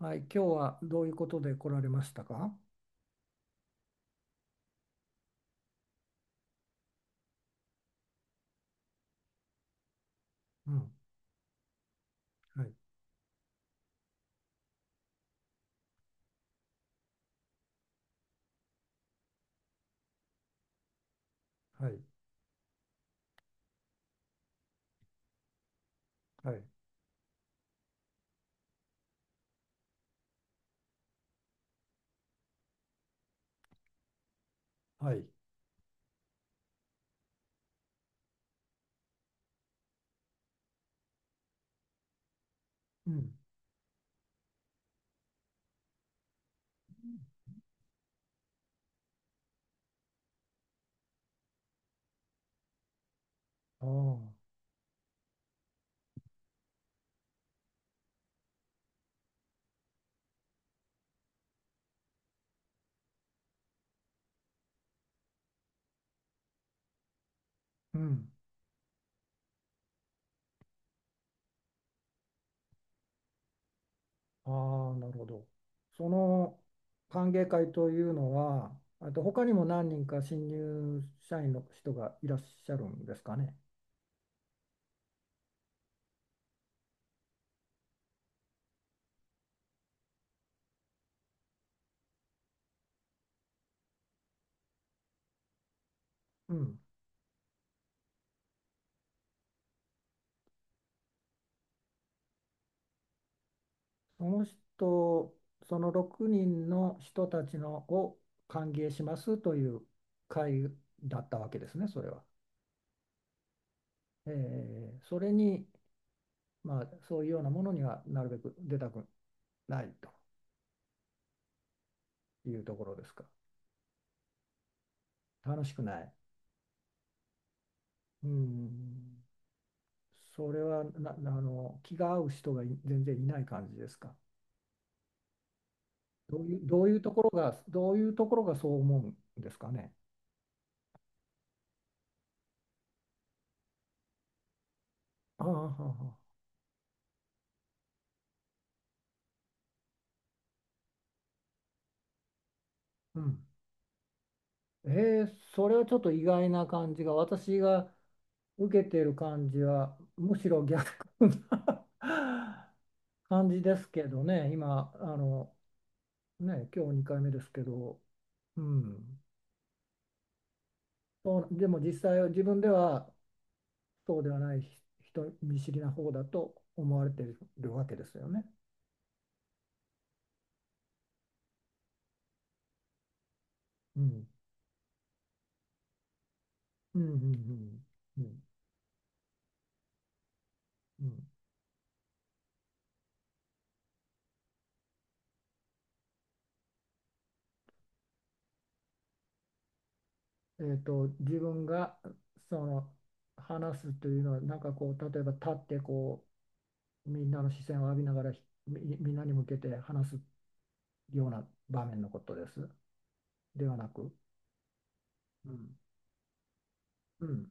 はい、今日はどういうことで来られましたか？うん、はい、はい、はい、はい、うん、ああ、うん、ああ、なるほど。その歓迎会というのは、あと他にも何人か新入社員の人がいらっしゃるんですかね？うん、その人、その6人の人たちのを歓迎しますという会だったわけですね、それは。それに、まあ、そういうようなものにはなるべく出たくないというところですか？楽しくない。うん。それはな、あの、気が合う人が全然いない感じですか？どういうところがそう思うんですかね？ああ、はあはあ、うん。それはちょっと意外な感じが、私が受けてる感じは、むしろ逆な 感じですけどね。今、あの、ね、今日2回目ですけど、うん、そう。でも実際は自分ではそうではない、人見知りな方だと思われているわけですよね？うん、うん、うん、うん、うん、自分がその話すというのはなんかこう、例えば立ってこうみんなの視線を浴びながらみんなに向けて話すような場面のことです。ではなく。うん、うん。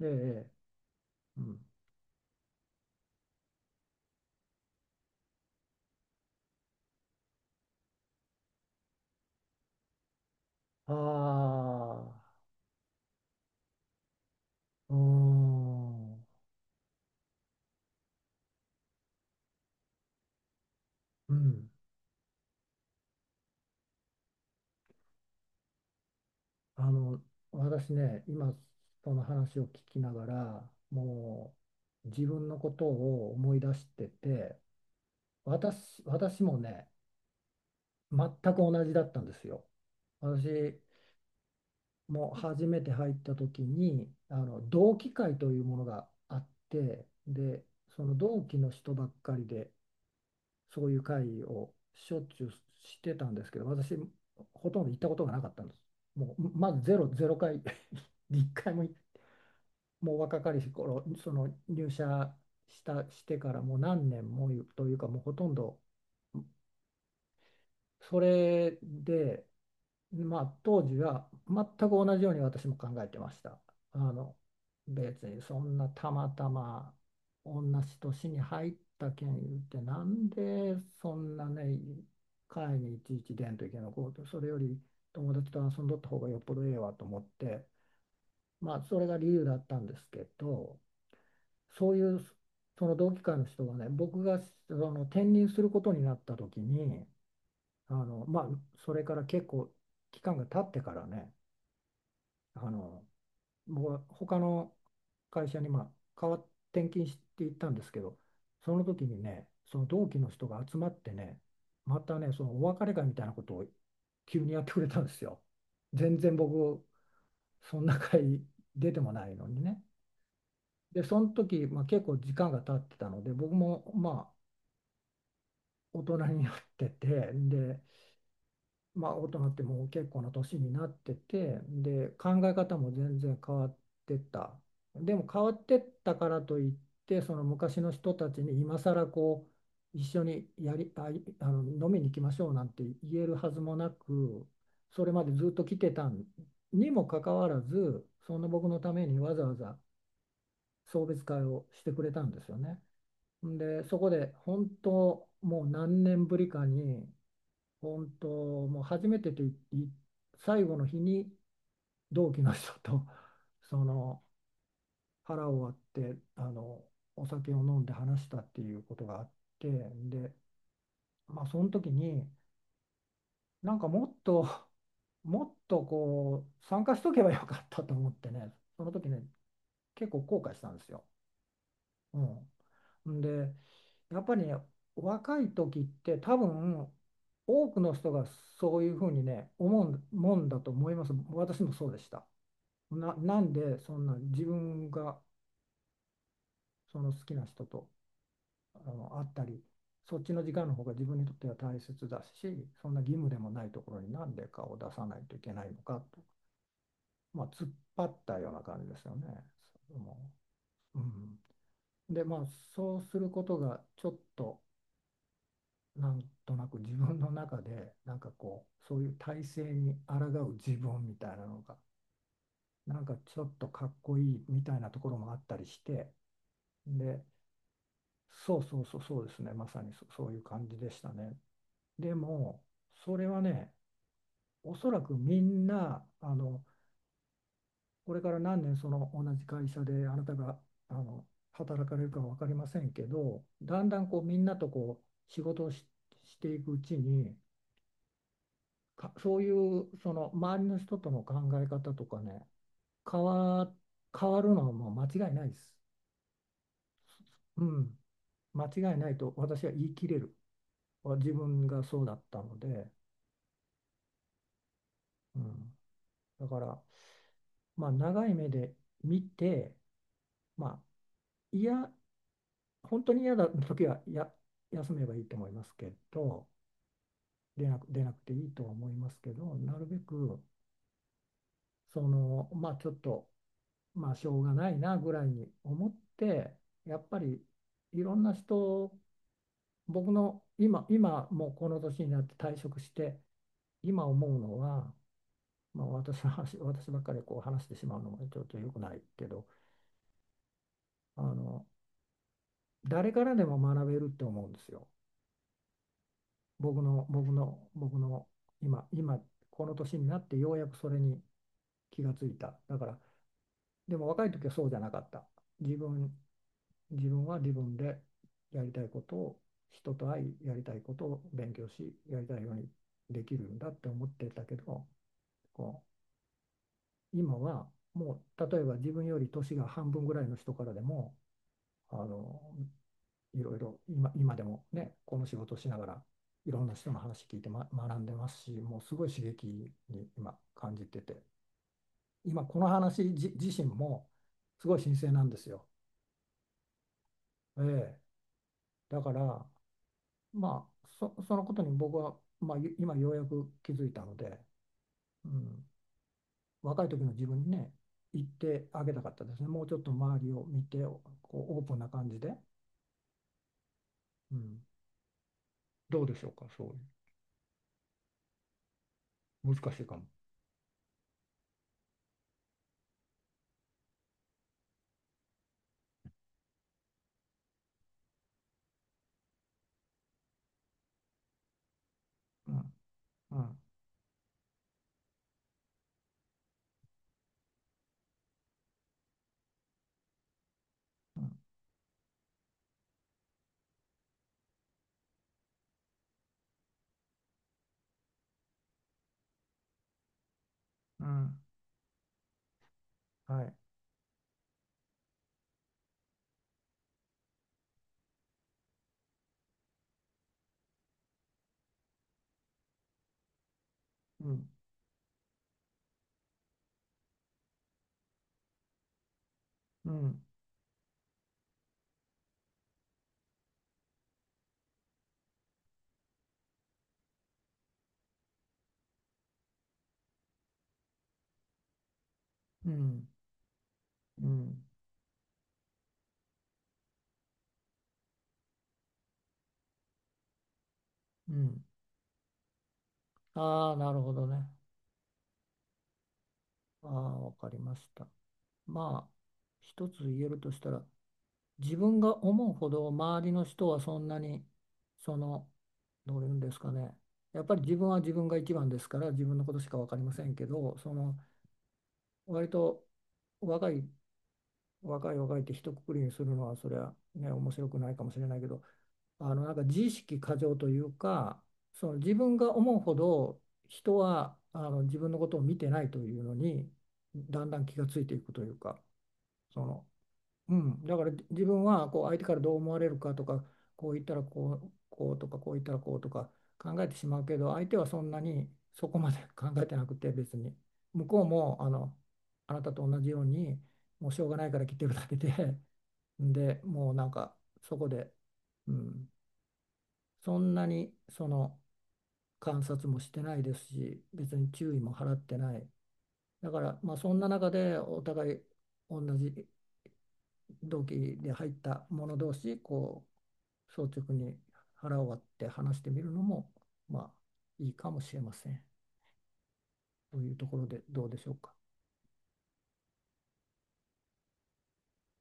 ええ。ええ、うん、ああ、うーん。うん。あの、私ね、今その話を聞きながら、もう自分のことを思い出してて、私もね、全く同じだったんですよ。私も初めて入った時に、あの同期会というものがあって、で、その同期の人ばっかりで、そういう会をしょっちゅうしてたんですけど、私、ほとんど行ったことがなかったんです。もう、まずゼロ回、一回も。もう若かりし頃、その入社した、してからもう何年もというか、もうほとんど。それで、まあ、当時は全く同じように私も考えてました。あの、別にそんなたまたま同じ年に入ったけん言って、なんでそんなね、会にいちいち出んといけないのこうと、それより友達と遊んどった方がよっぽどええわと思って、まあ、それが理由だったんですけど、そういうその同期会の人がね、僕がその転任することになった時に、あの、まあ、それから結構期間が経ってからね、あの、僕は他の会社に、まあ、変わっ転勤していったんですけど、その時にね、その同期の人が集まってね、またね、そのお別れ会みたいなことを急にやってくれたんですよ。全然僕、そんな会出てもないのにね。で、その時、まあ、結構時間が経ってたので、僕も大人になってて、で、まあ、大人ってもう結構な年になってて、で、考え方も全然変わってった。でも変わってったからといって、その昔の人たちに今更こう一緒にやりあいあの飲みに行きましょうなんて言えるはずもなく、それまでずっと来てたにもかかわらず、そんな僕のためにわざわざ送別会をしてくれたんですよね。で、そこで本当もう何年ぶりかに、本当、もう初めてとい最後の日に同期の人と、 その腹を割って、あのお酒を飲んで話したっていうことがあって。で、まあ、その時になんかもっと もっとこう参加しとけばよかったと思ってね、その時ね結構後悔したんですよ。うん、んで、やっぱりね、若い時って多分多くの人がそういうふうにね、思うもんだと思います。私もそうでした。なんでそんな自分がその好きな人と、あの会ったり、そっちの時間の方が自分にとっては大切だし、そんな義務でもないところになんで顔を出さないといけないのかと、まあ、突っ張ったような感じですよね。もう、うん、で、まあ、そうすることがちょっとなんとなく自分の中でなんかこうそういう体制に抗う自分みたいなのがなんかちょっとかっこいいみたいなところもあったりして、で、そうそうそうそうですね、まさにそういう感じでしたね。でもそれはね、おそらくみんな、あの、これから何年その同じ会社であなたがあの働かれるかは分かりませんけど、だんだんこうみんなとこう仕事をしていくうちに、かそういうその周りの人との考え方とかね、変わ、変わるのはもう間違いないです。うん、間違いないと私は言い切れる。自分がそうだったので、うん、だから、まあ、長い目で見て、まあ、いや、本当に嫌だ時は休めばいいと思いますけど、出なくていいとは思いますけど、なるべくその、まあ、ちょっと、まあ、しょうがないなぐらいに思って、やっぱりいろんな人、僕の今もうこの年になって退職して今思うのは、まあ、私の話、私ばっかりこう話してしまうのもちょっと良くないけど、あの、誰からでも学べるって思うんですよ。僕の今この年になってようやくそれに気がついた。だから、でも若い時はそうじゃなかった。自分自分は自分でやりたいことを、人と会い、やりたいことを勉強し、やりたいようにできるんだって思ってたけど、こう今はもう、例えば自分より年が半分ぐらいの人からでも、あの、いろいろ今でもね、この仕事をしながらいろんな人の話聞いて、ま、学んでますし、もうすごい刺激に今感じてて、今この話自身もすごい新鮮なんですよ。えだから、まあ、そのことに僕は、まあ、今ようやく気づいたので、うん、若い時の自分にね、言ってあげたかったですね。もうちょっと周りを見て、こうオープンな感じで、うん、どうでしょうか、そういう。難しいかも。うん、うん、うん、うん、はい。うん、うん、うん、うん、うん。ああ、なるほどね。ああ、わかりました。まあ、一つ言えるとしたら、自分が思うほど周りの人はそんなに、その、どういうんですかね、やっぱり自分は自分が一番ですから自分のことしか分かりませんけど、その割と若い、若い若いって一括りにするのはそれはね面白くないかもしれないけど、あの、なんか自意識過剰というか、その、自分が思うほど人はあの自分のことを見てないというのに、だんだん気がついていくというか。その、うん、だから自分はこう相手からどう思われるかとか、こう言ったらこう、こうとか、こう言ったらこうとか考えてしまうけど、相手はそんなにそこまで 考えてなくて、別に向こうも、あの、あなたと同じようにもうしょうがないから来てるだけで、で、もうなんか、そこで、うん、そんなにその観察もしてないですし、別に注意も払ってない。だから、まあ、そんな中でお互い、同じ同期で入った者同士こう率直に腹を割って話してみるのも、まあ、いいかもしれません。というところでどうでしょうか？